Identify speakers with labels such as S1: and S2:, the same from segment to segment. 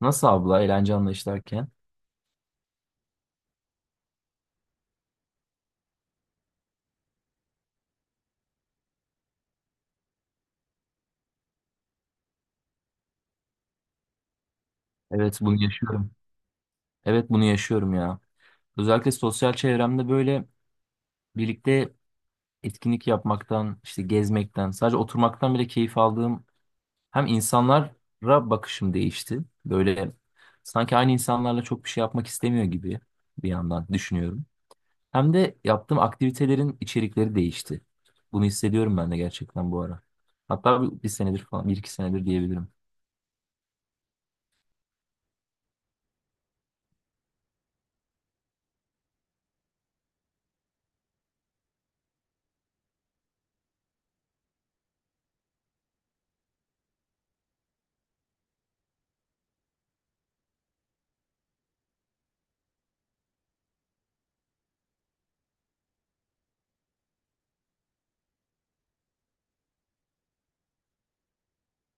S1: Nasıl abla eğlence anlayışlarken? Evet, bunu yaşıyorum. Evet, bunu yaşıyorum ya. Özellikle sosyal çevremde böyle birlikte etkinlik yapmaktan, işte gezmekten, sadece oturmaktan bile keyif aldığım hem insanlara bakışım değişti. Böyle sanki aynı insanlarla çok bir şey yapmak istemiyor gibi bir yandan düşünüyorum. Hem de yaptığım aktivitelerin içerikleri değişti. Bunu hissediyorum ben de gerçekten bu ara. Hatta bir senedir falan, bir iki senedir diyebilirim.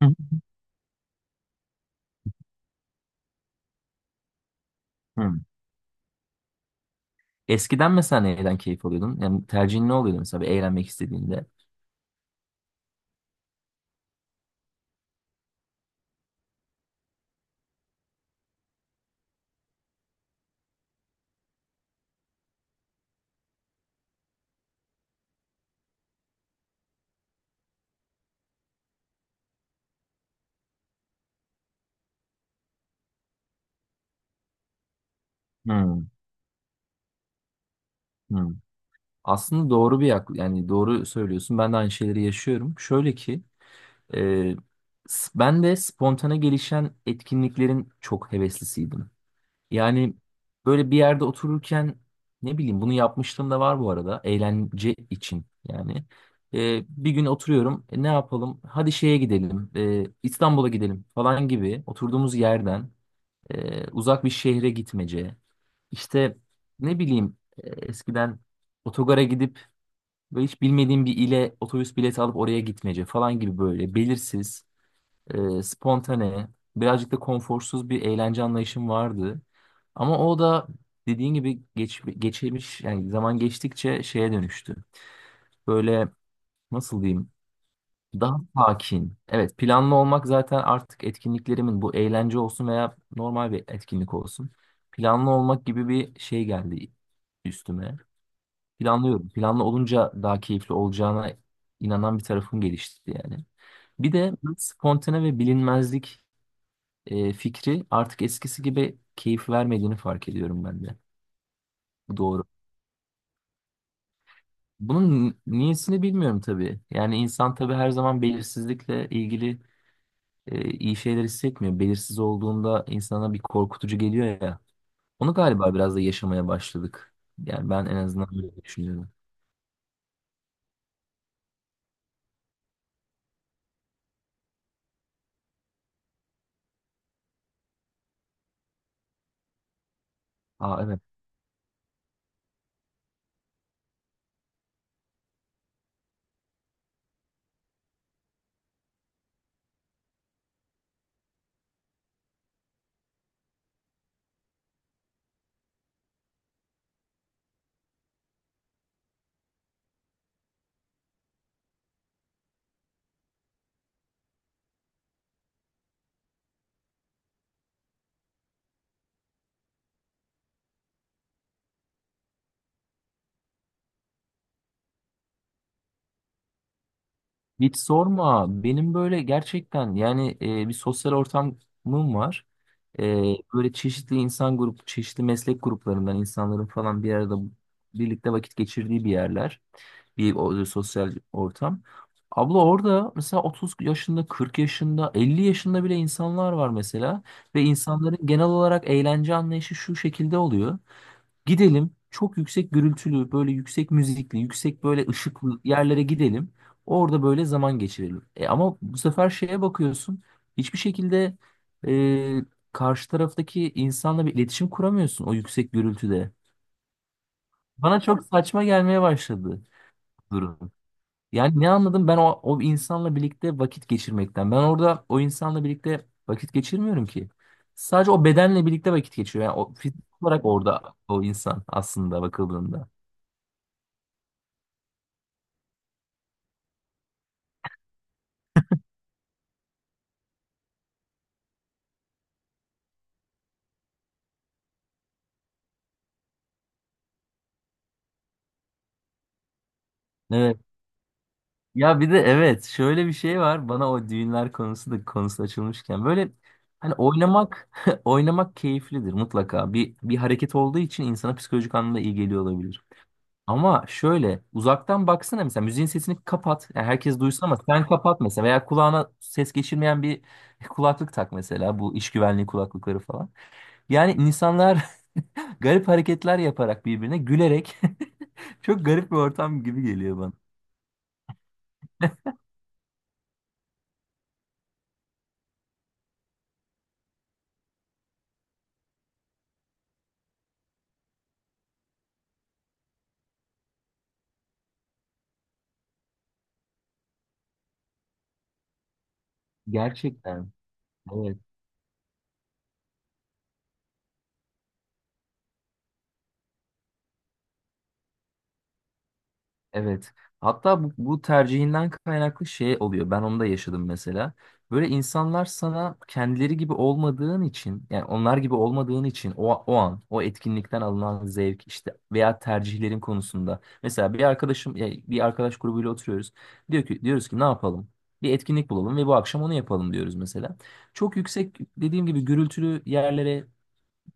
S1: Hı. Hı. Eskiden mesela neyden keyif alıyordun? Yani tercihin ne oluyordu mesela bir eğlenmek istediğinde? Hmm. Hmm. Aslında doğru bir yak yani doğru söylüyorsun. Ben de aynı şeyleri yaşıyorum. Şöyle ki e, ben de spontane gelişen etkinliklerin çok heveslisiydim. Yani böyle bir yerde otururken ne bileyim bunu yapmışlığım da var bu arada eğlence için yani. Bir gün oturuyorum: "E, ne yapalım, hadi şeye gidelim, İstanbul'a gidelim" falan gibi oturduğumuz yerden uzak bir şehre gitmece. İşte ne bileyim, eskiden otogara gidip böyle hiç bilmediğim bir ile otobüs bileti alıp oraya gitmece falan gibi böyle belirsiz, spontane, birazcık da konforsuz bir eğlence anlayışım vardı. Ama o da dediğin gibi geçmiş yani zaman geçtikçe şeye dönüştü. Böyle nasıl diyeyim? Daha sakin. Evet, planlı olmak zaten artık etkinliklerimin, bu eğlence olsun veya normal bir etkinlik olsun, planlı olmak gibi bir şey geldi üstüme. Planlıyorum. Planlı olunca daha keyifli olacağına inanan bir tarafım gelişti yani. Bir de spontane ve bilinmezlik fikri artık eskisi gibi keyif vermediğini fark ediyorum ben de. Bu doğru. Bunun niyesini bilmiyorum tabii. Yani insan tabii her zaman belirsizlikle ilgili iyi şeyler hissetmiyor. Belirsiz olduğunda insana bir korkutucu geliyor ya. Onu galiba biraz da yaşamaya başladık. Yani ben en azından böyle düşünüyorum. Aa, evet. Hiç sorma. Benim böyle gerçekten yani bir sosyal ortamım var. Böyle çeşitli meslek gruplarından insanların falan bir arada birlikte vakit geçirdiği bir yerler, bir sosyal ortam. Abla orada mesela 30 yaşında, 40 yaşında, 50 yaşında bile insanlar var mesela ve insanların genel olarak eğlence anlayışı şu şekilde oluyor. Gidelim çok yüksek gürültülü, böyle yüksek müzikli, yüksek böyle ışıklı yerlere gidelim. Orada böyle zaman geçirelim. E, ama bu sefer şeye bakıyorsun. Hiçbir şekilde karşı taraftaki insanla bir iletişim kuramıyorsun o yüksek gürültüde. Bana çok saçma gelmeye başladı durum. Yani ne anladım ben o insanla birlikte vakit geçirmekten. Ben orada o insanla birlikte vakit geçirmiyorum ki. Sadece o bedenle birlikte vakit geçiyor. Yani o fiziksel olarak orada o insan aslında bakıldığında. Evet. Ya bir de evet, şöyle bir şey var bana, o düğünler konusu açılmışken böyle, hani oynamak oynamak keyiflidir mutlaka, bir hareket olduğu için insana psikolojik anlamda iyi geliyor olabilir. Ama şöyle uzaktan baksana, mesela müziğin sesini kapat, yani herkes duysun ama sen kapat mesela, veya kulağına ses geçirmeyen bir kulaklık tak mesela, bu iş güvenliği kulaklıkları falan. Yani insanlar garip hareketler yaparak birbirine gülerek çok garip bir ortam gibi geliyor bana. Gerçekten. Evet, evet. Hatta bu tercihinden kaynaklı şey oluyor. Ben onu da yaşadım mesela. Böyle insanlar sana kendileri gibi olmadığın için, yani onlar gibi olmadığın için o an, o etkinlikten alınan zevk işte veya tercihlerin konusunda. Mesela bir arkadaşım, ya bir arkadaş grubuyla oturuyoruz. Diyor ki, diyoruz ki ne yapalım? Bir etkinlik bulalım ve bu akşam onu yapalım diyoruz mesela. Çok yüksek dediğim gibi gürültülü yerlere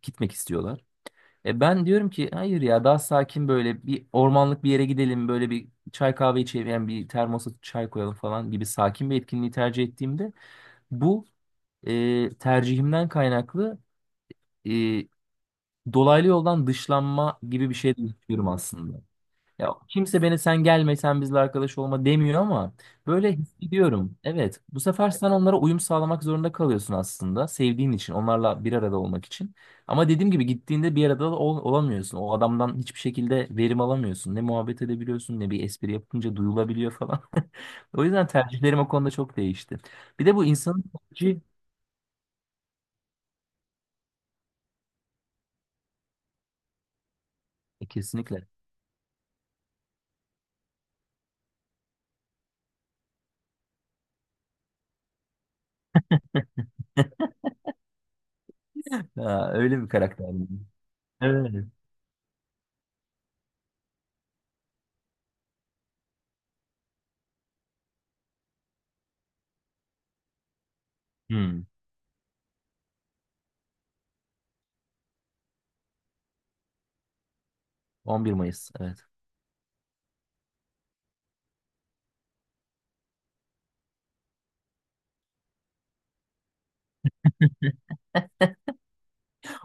S1: gitmek istiyorlar. E, ben diyorum ki hayır ya, daha sakin böyle bir ormanlık bir yere gidelim, böyle bir çay kahve içelim yani bir termosa çay koyalım falan gibi sakin bir etkinliği tercih ettiğimde bu tercihimden kaynaklı e, dolaylı yoldan dışlanma gibi bir şey de yaşıyorum aslında. Ya kimse beni sen gelme, sen bizle arkadaş olma demiyor ama böyle hissediyorum. Evet, bu sefer sen onlara uyum sağlamak zorunda kalıyorsun aslında, sevdiğin için, onlarla bir arada olmak için. Ama dediğim gibi gittiğinde bir arada olamıyorsun. O adamdan hiçbir şekilde verim alamıyorsun. Ne muhabbet edebiliyorsun, ne bir espri yapınca duyulabiliyor falan. O yüzden tercihlerim o konuda çok değişti. Bir de bu insanın tercihi. E, kesinlikle. Ha, öyle bir karakter. Evet. Hmm. 11 Mayıs, evet.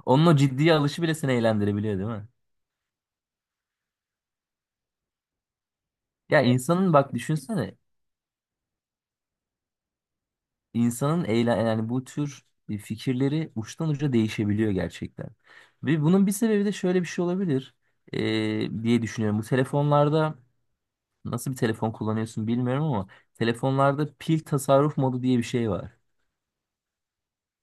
S1: Onun o ciddiye alışı bile seni eğlendirebiliyor değil mi? Ya insanın bak düşünsene, insanın eyle yani bu tür fikirleri uçtan uca değişebiliyor gerçekten. Ve bunun bir sebebi de şöyle bir şey olabilir, diye düşünüyorum. Bu telefonlarda, nasıl bir telefon kullanıyorsun bilmiyorum ama telefonlarda pil tasarruf modu diye bir şey var.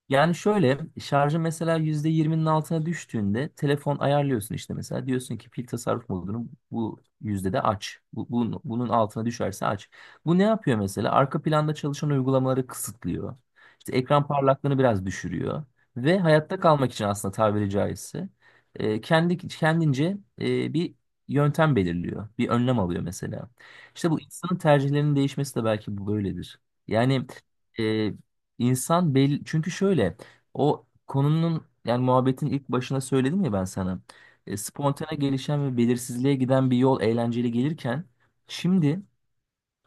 S1: Yani şöyle, şarjı mesela %20'nin altına düştüğünde telefon ayarlıyorsun, işte mesela diyorsun ki pil tasarruf modunu bu yüzdede aç. Bunun altına düşerse aç. Bu ne yapıyor mesela? Arka planda çalışan uygulamaları kısıtlıyor. İşte ekran parlaklığını biraz düşürüyor ve hayatta kalmak için aslında tabiri caizse kendi kendince bir yöntem belirliyor. Bir önlem alıyor mesela. İşte bu insanın tercihlerinin değişmesi de belki bu böyledir. Yani e, İnsan belli çünkü şöyle, o konunun yani muhabbetin ilk başına söyledim ya ben sana. E, spontane gelişen ve belirsizliğe giden bir yol eğlenceli gelirken şimdi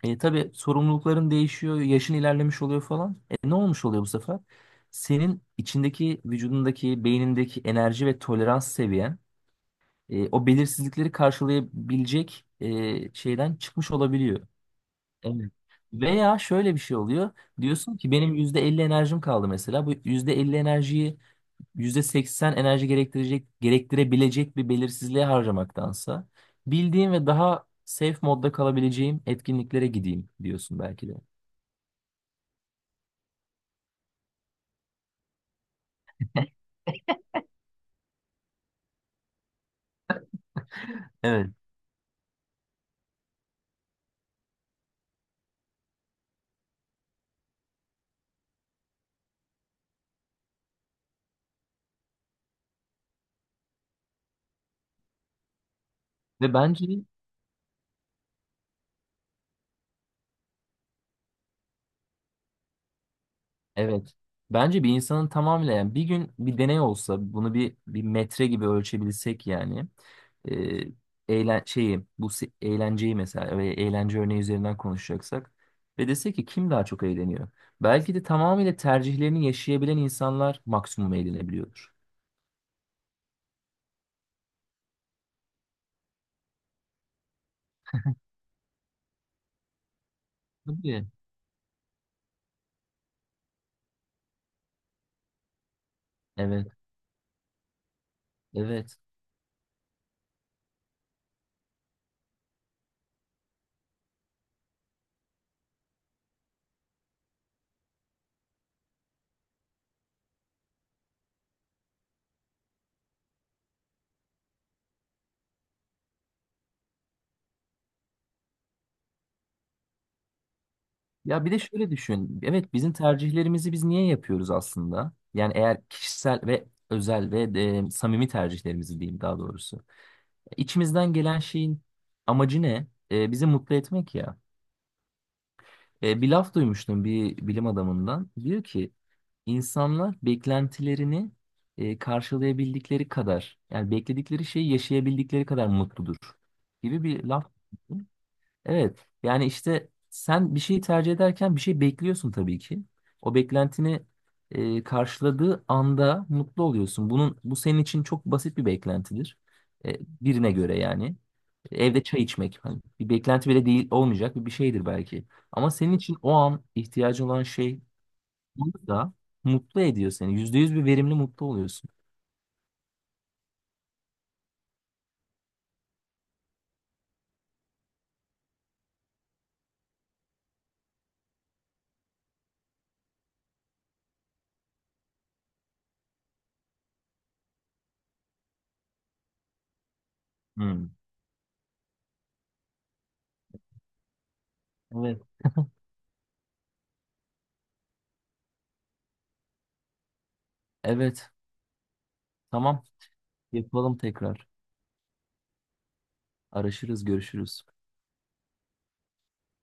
S1: tabii sorumlulukların değişiyor, yaşın ilerlemiş oluyor falan. E, ne olmuş oluyor bu sefer? Senin içindeki, vücudundaki, beynindeki enerji ve tolerans seviyen o belirsizlikleri karşılayabilecek şeyden çıkmış olabiliyor. Evet. Veya şöyle bir şey oluyor. Diyorsun ki benim %50 enerjim kaldı mesela. Bu %50 enerjiyi %80 enerji gerektirecek, gerektirebilecek bir belirsizliğe harcamaktansa bildiğim ve daha safe modda kalabileceğim etkinliklere gideyim diyorsun belki de. Evet. Ve bence. Evet. Bence bir insanın tamamıyla, yani bir gün bir deney olsa bunu bir metre gibi ölçebilsek yani e, eğlenceyi mesela ve eğlence örneği üzerinden konuşacaksak ve desek ki kim daha çok eğleniyor? Belki de tamamıyla tercihlerini yaşayabilen insanlar maksimum eğlenebiliyordur. Tabii. Evet, evet. Ya bir de şöyle düşün. Evet, bizim tercihlerimizi biz niye yapıyoruz aslında? Yani eğer kişisel ve özel ve samimi tercihlerimizi diyeyim daha doğrusu. İçimizden gelen şeyin amacı ne? E, bizi mutlu etmek ya. E, bir laf duymuştum bir bilim adamından. Diyor ki insanlar beklentilerini karşılayabildikleri kadar yani bekledikleri şeyi yaşayabildikleri kadar mutludur gibi bir laf. Evet. Yani işte sen bir şeyi tercih ederken bir şey bekliyorsun tabii ki. O beklentini karşıladığı anda mutlu oluyorsun. Bunun, bu senin için çok basit bir beklentidir. E, birine göre yani. Evde çay içmek hani bir beklenti bile değil, olmayacak bir şeydir belki. Ama senin için o an ihtiyacı olan şey da mutlu ediyor seni. %100 bir verimli mutlu oluyorsun. Hmm. Evet. Evet. Tamam. Yapalım tekrar. Araşırız, görüşürüz.